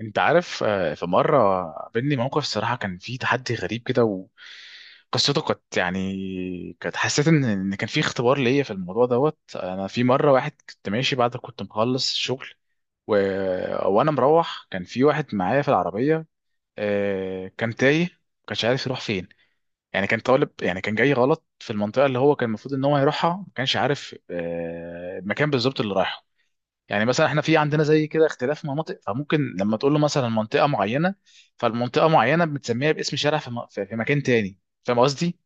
انت عارف، في مره قابلني موقف الصراحه كان فيه تحدي غريب كده. وقصته كانت كانت حسيت ان كان فيه اختبار ليا في الموضوع دوت. انا في مره واحد كنت ماشي بعد كنت مخلص الشغل و... وانا مروح كان في واحد معايا في العربيه. كان تايه كانش عارف يروح فين. يعني كان طالب كان جاي غلط في المنطقه اللي هو كان المفروض ان هو يروحها، ما كانش عارف المكان بالظبط اللي رايحه. يعني مثلا احنا في عندنا زي كده اختلاف مناطق، فممكن لما تقول له مثلا منطقه معينه، فالمنطقه معينه بتسميها باسم شارع في, م... في في مكان تاني. فاهم قصدي؟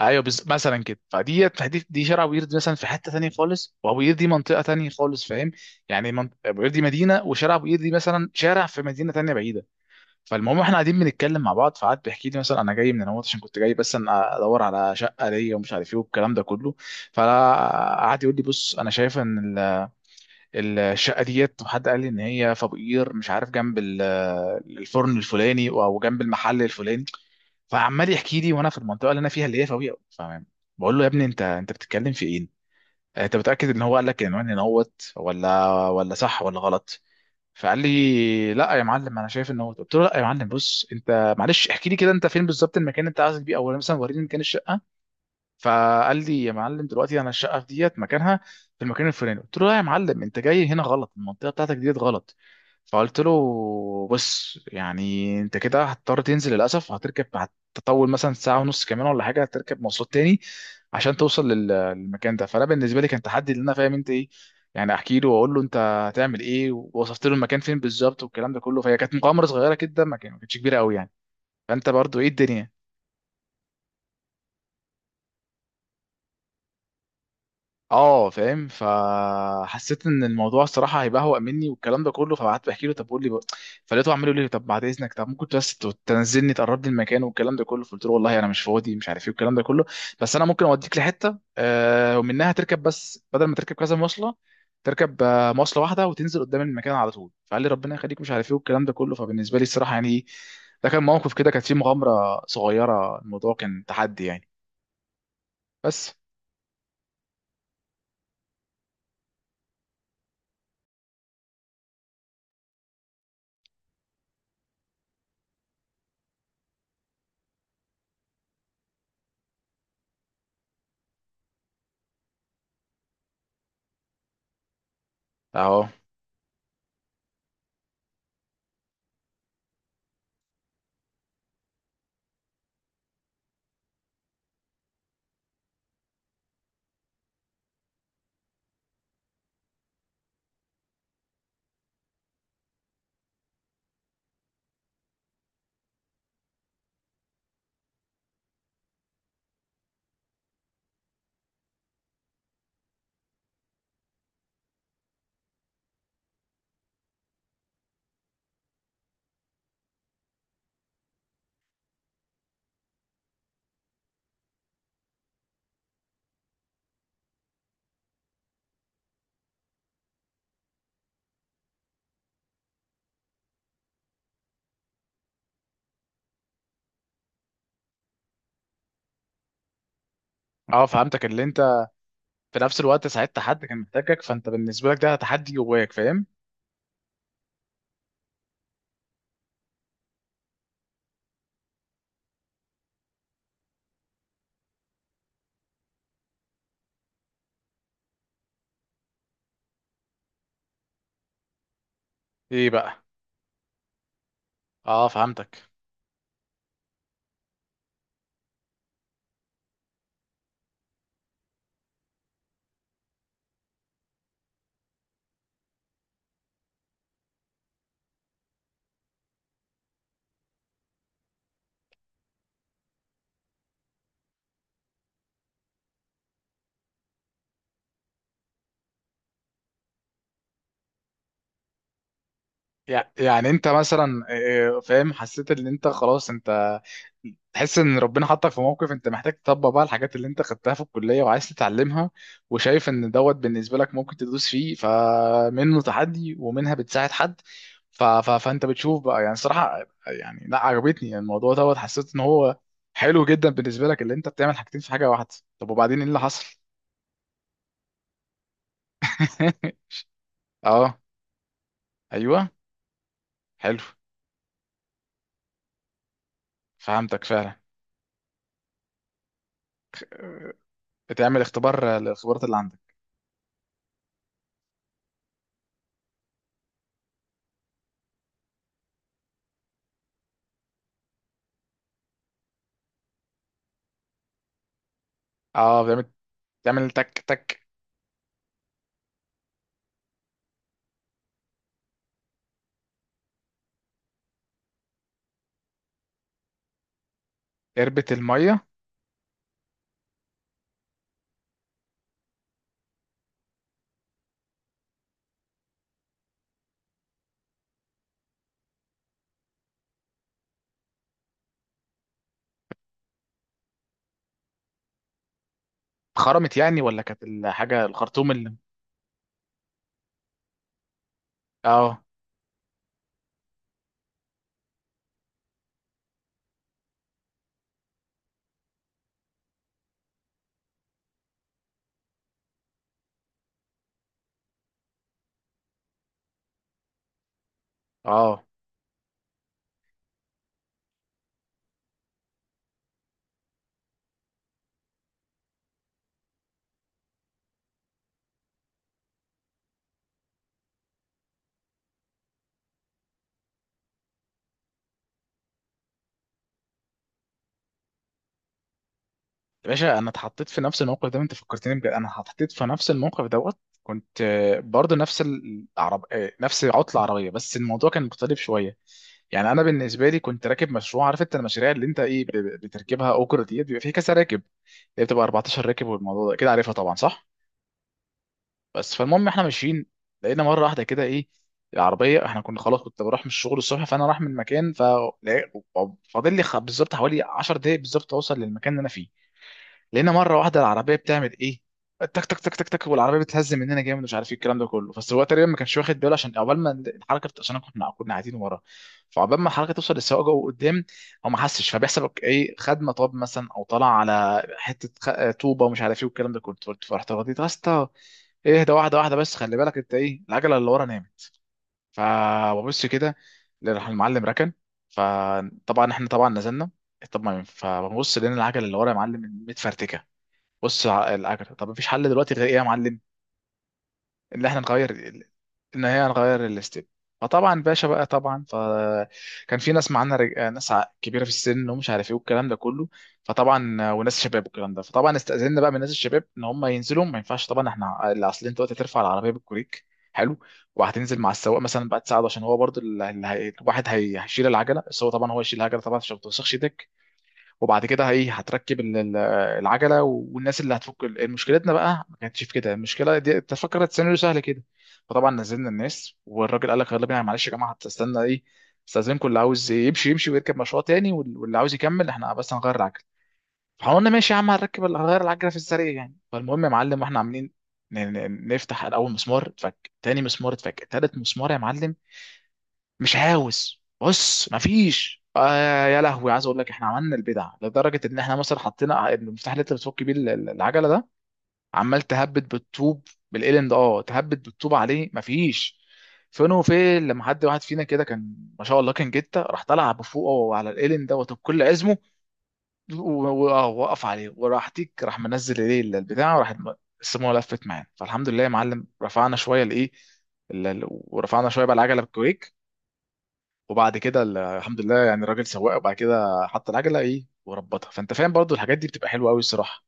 ايوه مثلا كده فدي دي دي شارع ابو قير مثلا في حته تانيه خالص، وابو قير دي منطقه تانيه خالص. فاهم؟ يعني ابو قير دي مدينه، وشارع ابو قير دي مثلا شارع في مدينه تانيه بعيده. فالمهم احنا قاعدين بنتكلم مع بعض. فقعد بيحكي لي، مثلا انا جاي من النمط عشان كنت جاي، بس انا ادور على شقه ليا ومش عارف ايه والكلام ده كله. فقعد يقول لي بص، انا شايف ان الشقه ديت وحد قال لي ان هي في ابو قير، مش عارف جنب الفرن الفلاني او جنب المحل الفلاني. فعمال يحكي لي وانا في المنطقه اللي انا فيها، اللي هي في ابو قير، فاهم. بقول له يا ابني انت بتتكلم في ايه؟ انت متاكد ان هو قال لك العنوان هنا هوت، ولا صح ولا غلط؟ فقال لي لا يا معلم انا شايف ان هو، قلت له لا يا معلم بص، انت معلش احكي لي كده، انت فين بالظبط المكان اللي انت عايز بيه، او مثلا وريني مكان الشقه. فقال لي يا معلم دلوقتي انا الشقه في ديت مكانها في المكان الفلاني. قلت له لا يا معلم انت جاي هنا غلط، المنطقه بتاعتك ديت غلط. فقلت له بص، يعني انت كده هتضطر تنزل للاسف، هتركب، هتطول مثلا ساعه ونص كمان ولا حاجه، هتركب مواصلات تاني عشان توصل للمكان ده. فانا بالنسبه لي كان تحدي ان انا فاهم انت ايه، يعني احكي له واقول له انت هتعمل ايه، ووصفت له المكان فين بالظبط والكلام ده كله. فهي كانت مغامره صغيره كده، ما كانتش كبيره قوي يعني. فانت برضو ايه الدنيا. اه فاهم. فحسيت ان الموضوع الصراحه هيبهوأ مني والكلام ده كله، فقعدت بحكي له طب قول لي بقى. فلقيته عمال يقول لي طب بعد اذنك، طب ممكن بس تنزلني تقرب لي المكان والكلام ده كله. فقلت له والله انا مش فاضي، مش عارف ايه والكلام ده كله، بس انا ممكن اوديك لحته ومنها تركب، بس بدل ما تركب كذا مواصله، تركب، مواصله واحده وتنزل قدام المكان على طول. فقال لي ربنا يخليك، مش عارف ايه والكلام ده كله. فبالنسبه لي الصراحه يعني ده كان موقف كده كانت فيه مغامره صغيره، الموضوع كان تحدي يعني. بس. اهو. اه فهمتك، اللي انت في نفس الوقت ساعدت حد كان محتاجك، فانت بالنسبه لك ده تحدي جواك، فاهم. ايه بقى. اه فهمتك. يعني انت مثلا، فاهم، حسيت ان انت خلاص، انت تحس ان ربنا حطك في موقف انت محتاج تطبق بقى الحاجات اللي انت خدتها في الكليه وعايز تتعلمها، وشايف ان دوت بالنسبه لك ممكن تدوس فيه، فمنه تحدي ومنها بتساعد حد. فانت بتشوف بقى يعني صراحه، يعني لا عجبتني الموضوع دوت، حسيت ان هو حلو جدا بالنسبه لك، اللي انت بتعمل حاجتين في حاجه واحده. طب وبعدين ايه اللي حصل؟ اه. ايوه. حلو. فهمتك فعلا. بتعمل اختبار للخبرات اللي عندك. اه بتعمل تعمل تك تك. قربة المية خرمت يعني، ولا كانت الحاجة الخرطوم اللي؟ اه. اه يا باشا انا اتحطيت في نفس الموقف ده، انت فكرتني بجد، انا اتحطيت في نفس الموقف دوت. كنت برضه نفس العرب آه، نفس عطله عربيه بس الموضوع كان مختلف شويه. يعني انا بالنسبه لي كنت راكب مشروع، عارف انت المشاريع اللي انت بتركبها، اوجر ديت بيبقى فيه كذا راكب، اللي بتبقى 14 راكب، والموضوع ده كده عارفها طبعا صح؟ بس. فالمهم احنا ماشيين، لقينا مره واحده كده ايه، العربيه احنا كنا خلاص، كنت بروح من الشغل الصبح فانا رايح من مكان، فاضل لي بالظبط حوالي 10 دقايق بالظبط اوصل للمكان اللي انا فيه. لقينا مره واحده العربيه بتعمل ايه، تك تك تك تك تك، والعربيه بتهز مننا جامد، ومش عارف ايه الكلام ده كله، بس هو تقريبا ما كانش واخد باله عشان عقبال ما الحركه، عشان كنا قاعدين ورا، فعقبال ما الحركه توصل للسواق جوه قدام هو ما حسش، فبيحسب ايه، خد مطب مثلا او طلع على حته طوبه ومش عارف ايه والكلام ده كله. فرحت رديت يا اسطى اهدى واحده واحده، بس خلي بالك انت ايه، العجله اللي ورا نامت. فببص كده، راح المعلم ركن، فطبعا احنا طبعا نزلنا. طب ما فببص لقينا العجله اللي ورا يا معلم متفرتكه. بص العجلة، طب مفيش حل دلوقتي غير ايه يا معلم، ان احنا نغير ان هي نغير الاستيب. فطبعا باشا بقى طبعا، فكان في ناس معانا ناس كبيره في السن ومش عارف ايه والكلام ده كله، فطبعا وناس شباب والكلام ده. فطبعا استاذنا بقى من الناس الشباب ان هم ينزلوا، ما ينفعش طبعا احنا اللي اصل، انت دلوقتي هترفع العربيه بالكوريك، حلو، وهتنزل مع السواق مثلا بقى تساعده، عشان هو برضو اللي هي، الواحد هي، هيشيل العجله، بس هو طبعا هو يشيل العجله طبعا عشان ما توسخش. وبعد كده هي هتركب العجله، والناس اللي هتفك مشكلتنا بقى ما كانتش في كده، المشكله دي انت فكرت سيناريو سهل كده. فطبعا نزلنا الناس، والراجل قال لك يلا بينا معلش يا جماعه، هتستنى ايه، استاذنكم اللي عاوز يمشي يمشي ويركب مشروع تاني، واللي عاوز يكمل احنا بس هنغير العجله. فقلنا ماشي يا عم، هنركب هنغير العجله في السريع يعني. فالمهم يا معلم واحنا عاملين نفتح الاول مسمار اتفك، تاني مسمار اتفك، تالت مسمار يا معلم مش عاوز، بص مفيش، يا لهوي عايز اقول لك احنا عملنا البدع لدرجه ان احنا مثلا حطينا المفتاح اللي انت بتفك بيه العجله ده، عمال تهبد بالطوب، بالقلم ده، اه تهبد بالطوب عليه مفيش. فين وفين، لما حد واحد فينا كده كان ما شاء الله كان جته، راح طلع بفوقه على القلم دوت بكل عزمه، وقف عليه، وراح تيك، راح منزل ايه البتاع، وراح السموه لفت معانا. فالحمد لله يا معلم رفعنا شويه الايه ورفعنا شويه بقى العجله بالكويك. وبعد كده الحمد لله يعني الراجل سواق، وبعد كده حط العجله ايه وربطها، فانت فاهم برضو الحاجات دي بتبقى حلوه قوي الصراحه.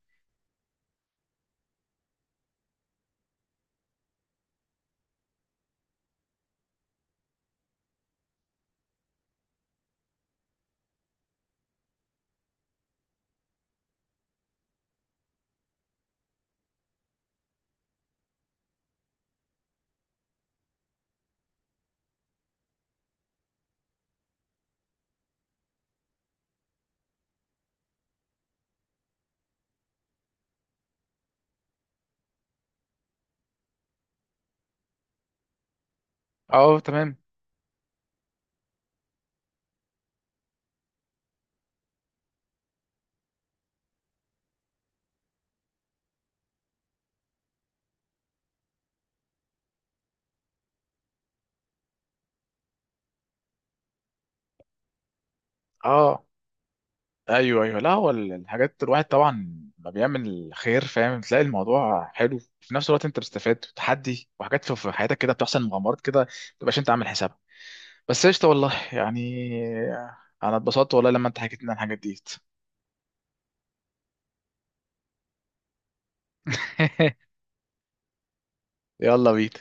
اه تمام. اه ايوه ايوه. لا هو الحاجات الواحد طبعا ما بيعمل خير فاهم، تلاقي الموضوع حلو، في نفس الوقت انت بتستفاد تحدي وحاجات في حياتك كده بتحصل مغامرات كده ما تبقاش انت عامل حسابها. بس قشطه والله يعني، انا اتبسطت والله لما انت حكيت لنا الحاجات دي. يلا بينا.